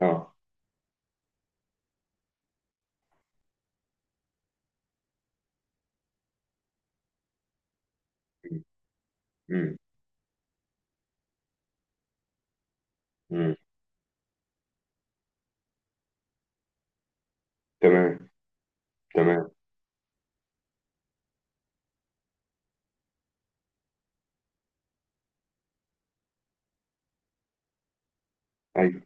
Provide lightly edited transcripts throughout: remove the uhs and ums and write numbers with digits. اه. امم. امم. تمام. تمام. ايوه.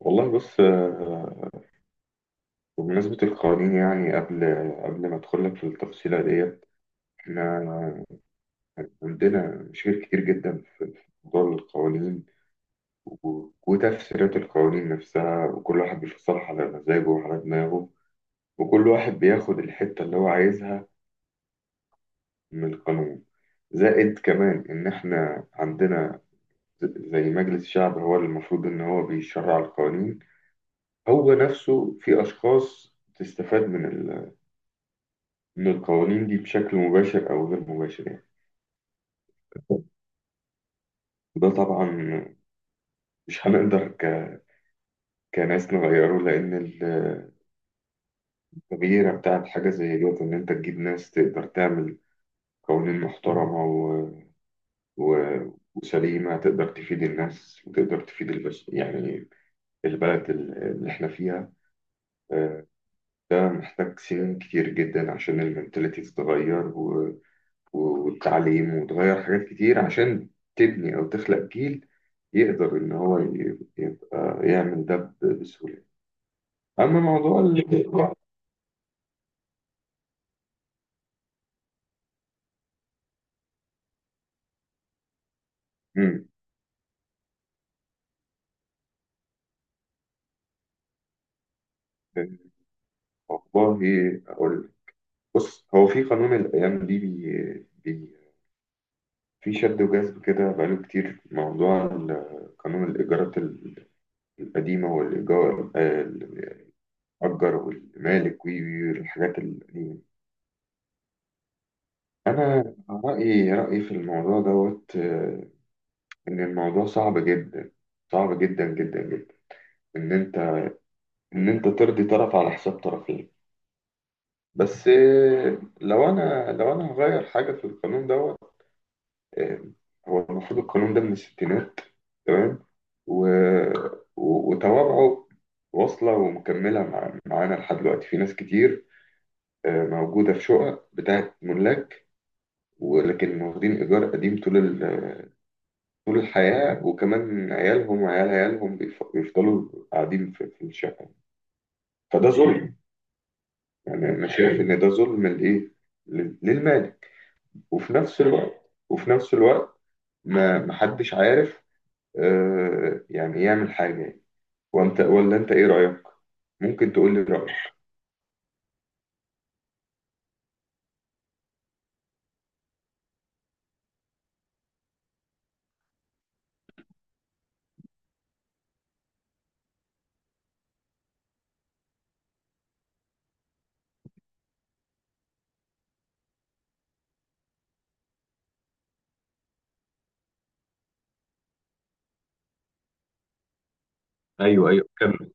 والله، بص، بمناسبة القوانين، يعني قبل ما ادخل لك في التفصيلة ديت، احنا عندنا مشاكل كتير جدا في موضوع القوانين، وتفسيرات القوانين نفسها، وكل واحد بيفسرها على مزاجه وعلى دماغه، وكل واحد بياخد الحتة اللي هو عايزها من القانون. زائد كمان ان احنا عندنا زي مجلس الشعب، هو اللي المفروض ان هو بيشرع القوانين، هو نفسه في أشخاص تستفاد من من القوانين دي بشكل مباشر أو غير مباشر، يعني. وده طبعا مش هنقدر كناس نغيره، لأن التغيير بتاع الحاجة زي ديت إن أنت تجيب ناس تقدر تعمل قوانين محترمة و... وسليمة، تقدر تفيد الناس وتقدر تفيد يعني البلد اللي إحنا فيها. آه، ده محتاج سنين كتير جدا عشان المنتاليتي تتغير والتعليم وتغير حاجات كتير، عشان تبني أو تخلق جيل يقدر إن هو يبقى يعمل ده بسهولة. أما موضوع ال-. مم. والله أقول لك. بص، هو في قانون الأيام دي في شد وجذب كده بقاله كتير، موضوع قانون الإيجارات القديمة والإيجار، الأجر والمالك والحاجات القديمة. أنا رأيي في الموضوع دوت ان الموضوع صعب جدا، صعب جدا جدا جدا، ان انت ان انت ترضي طرف على حساب طرفين. بس لو انا هغير حاجه في القانون دوت، آه، هو المفروض القانون ده من الستينات، تمام، و... وتوابعه واصله ومكمله معانا لحد دلوقتي. في ناس كتير، موجوده في شقق بتاعت ملاك، ولكن واخدين ايجار قديم طول الحياه، وكمان عيالهم وعيال عيالهم بيفضلوا قاعدين في الشقه. فده ظلم، يعني انا شايف ان ده ظلم لايه، للمالك. وفي نفس الوقت ما محدش عارف يعني يعمل حاجه، يعني. وانت، ولا انت، ايه رايك؟ ممكن تقول لي رايك. ايوه، ايوه، كمل.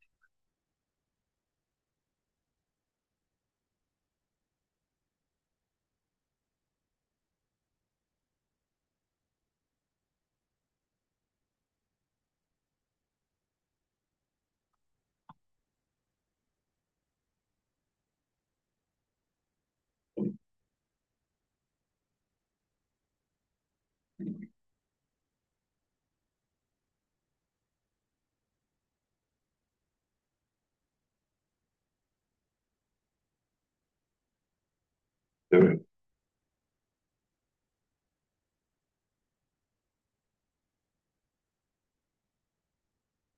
تمام.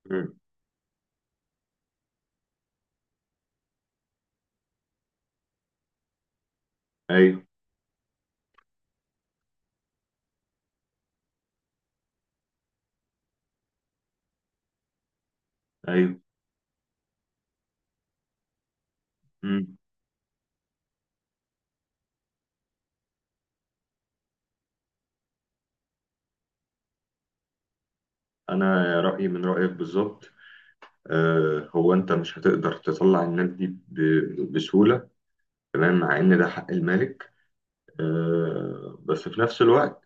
مم. ايوه، ايوه. مم. انا رايي من رايك بالظبط. هو انت مش هتقدر تطلع الناس دي بسهوله، تمام، مع ان ده حق المالك. بس في نفس الوقت،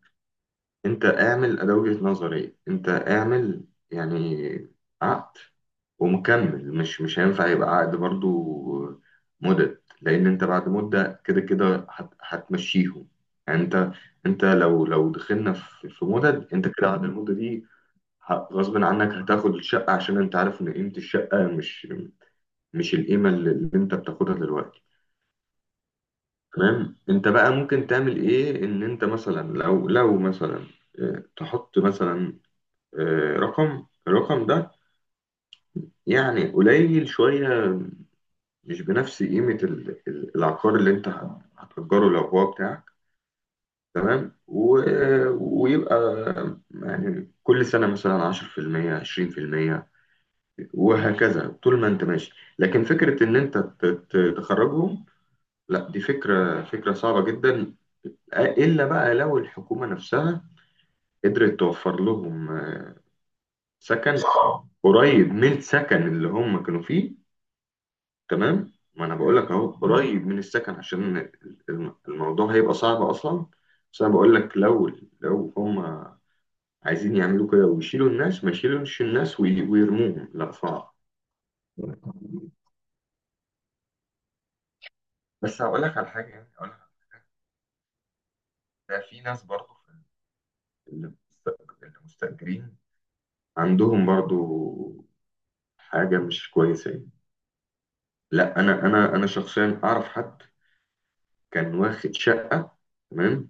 انت اعمل ده، وجهة نظري، انت اعمل يعني عقد ومكمل، مش هينفع يبقى عقد برضو مدة، لان انت بعد مدة كده كده هتمشيهم. يعني انت لو دخلنا في مدد، انت كده بعد المدة دي غصب عنك هتاخد الشقة، عشان انت عارف ان قيمة الشقة مش القيمة اللي انت بتاخدها دلوقتي. تمام. انت بقى ممكن تعمل ايه؟ ان انت مثلا، لو مثلا، اه، تحط مثلا، الرقم ده يعني قليل شوية، مش بنفس قيمة العقار اللي انت هتأجره لو هو بتاعك. تمام. ويبقى يعني كل سنة مثلا 10% 20%، وهكذا طول ما انت ماشي. لكن فكرة ان انت تخرجهم، لا، دي فكرة صعبة جدا، إلا بقى لو الحكومة نفسها قدرت توفر لهم سكن قريب من السكن اللي هم كانوا فيه. تمام، ما انا بقول لك اهو قريب من السكن، عشان الموضوع هيبقى صعب اصلا. بس انا بقول لك لو هم عايزين يعملوا كده ويشيلوا الناس، ما يشيلوش الناس ويرموهم، لا، صعب. بس هقول لك على حاجه، يعني هقول لك، ده في ناس برضو في اللي مست- اللي مستأجرين عندهم برضو حاجه مش كويسه يعني. لا، انا انا شخصيا اعرف حد كان واخد شقه، تمام،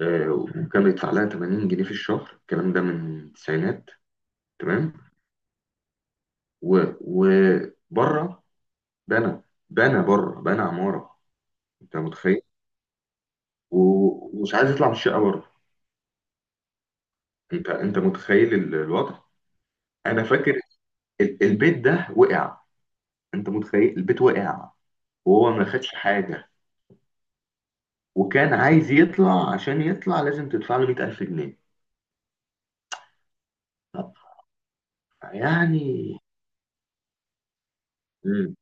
وكان بيدفع لها 80 جنيه في الشهر. الكلام ده من التسعينات، تمام. و وبره بنى بنى بره بنى عمارة. انت متخيل؟ ومش عايز يطلع من الشقة بره. انت، متخيل الوضع؟ انا فاكر البيت ده وقع، انت متخيل؟ البيت وقع، وهو ما خدش حاجة، وكان عايز يطلع، عشان يطلع لازم تدفع له 100000 جنيه. طب، يعني. مم.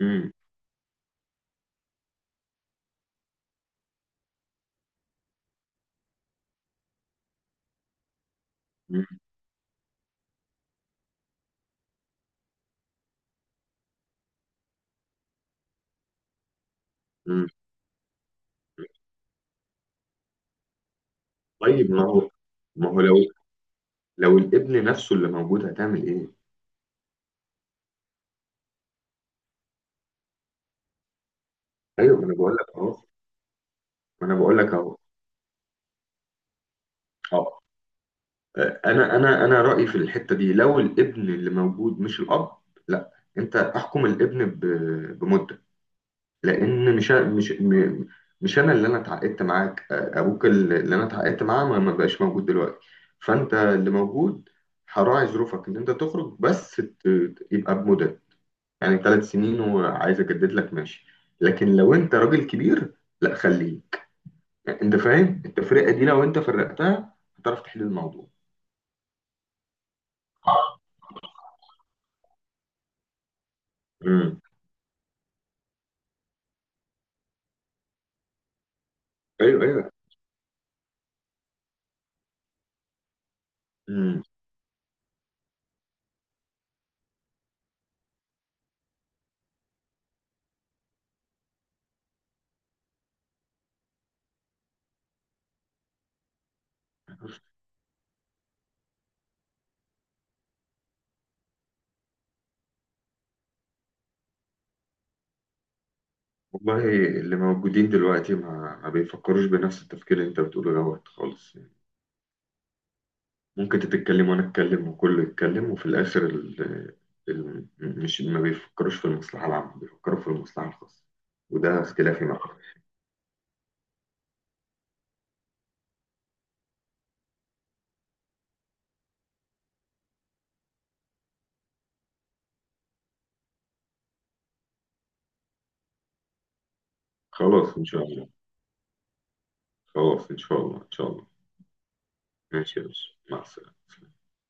مم. مم. مم. طيب، ما هو لو الابن نفسه اللي موجود هتعمل ايه؟ ايوه، ما انا بقول لك اهو. ما انا بقول لك اهو. اه انا رايي في الحته دي، لو الابن اللي موجود مش الاب، لا، انت احكم الابن بمده، لان مش انا اللي انا اتعاقدت معاك، ابوك اللي انا اتعاقدت معاه ما بقاش موجود دلوقتي، فانت اللي موجود هراعي ظروفك ان انت تخرج، بس يبقى بمده، يعني 3 سنين، وعايز اجدد لك ماشي. لكن لو انت راجل كبير، لا، خليه. انت فاهم التفرقه دي؟ لو انت فرقتها هتعرف تحل الموضوع. امم. ايوه، ايوه. امم. والله، اللي موجودين دلوقتي ما بيفكروش بنفس التفكير اللي انت بتقوله دوت خالص، يعني ممكن انت تتكلم وانا اتكلم وكله يتكلم، وفي الاخر مش ما بيفكروش في المصلحه العامه، بيفكروا في المصلحه الخاصه. وده اختلافي معاك. خلاص، ان شاء الله. خلاص، ان شاء الله. ان شاء الله. ماشي يا باشا، مع السلامه.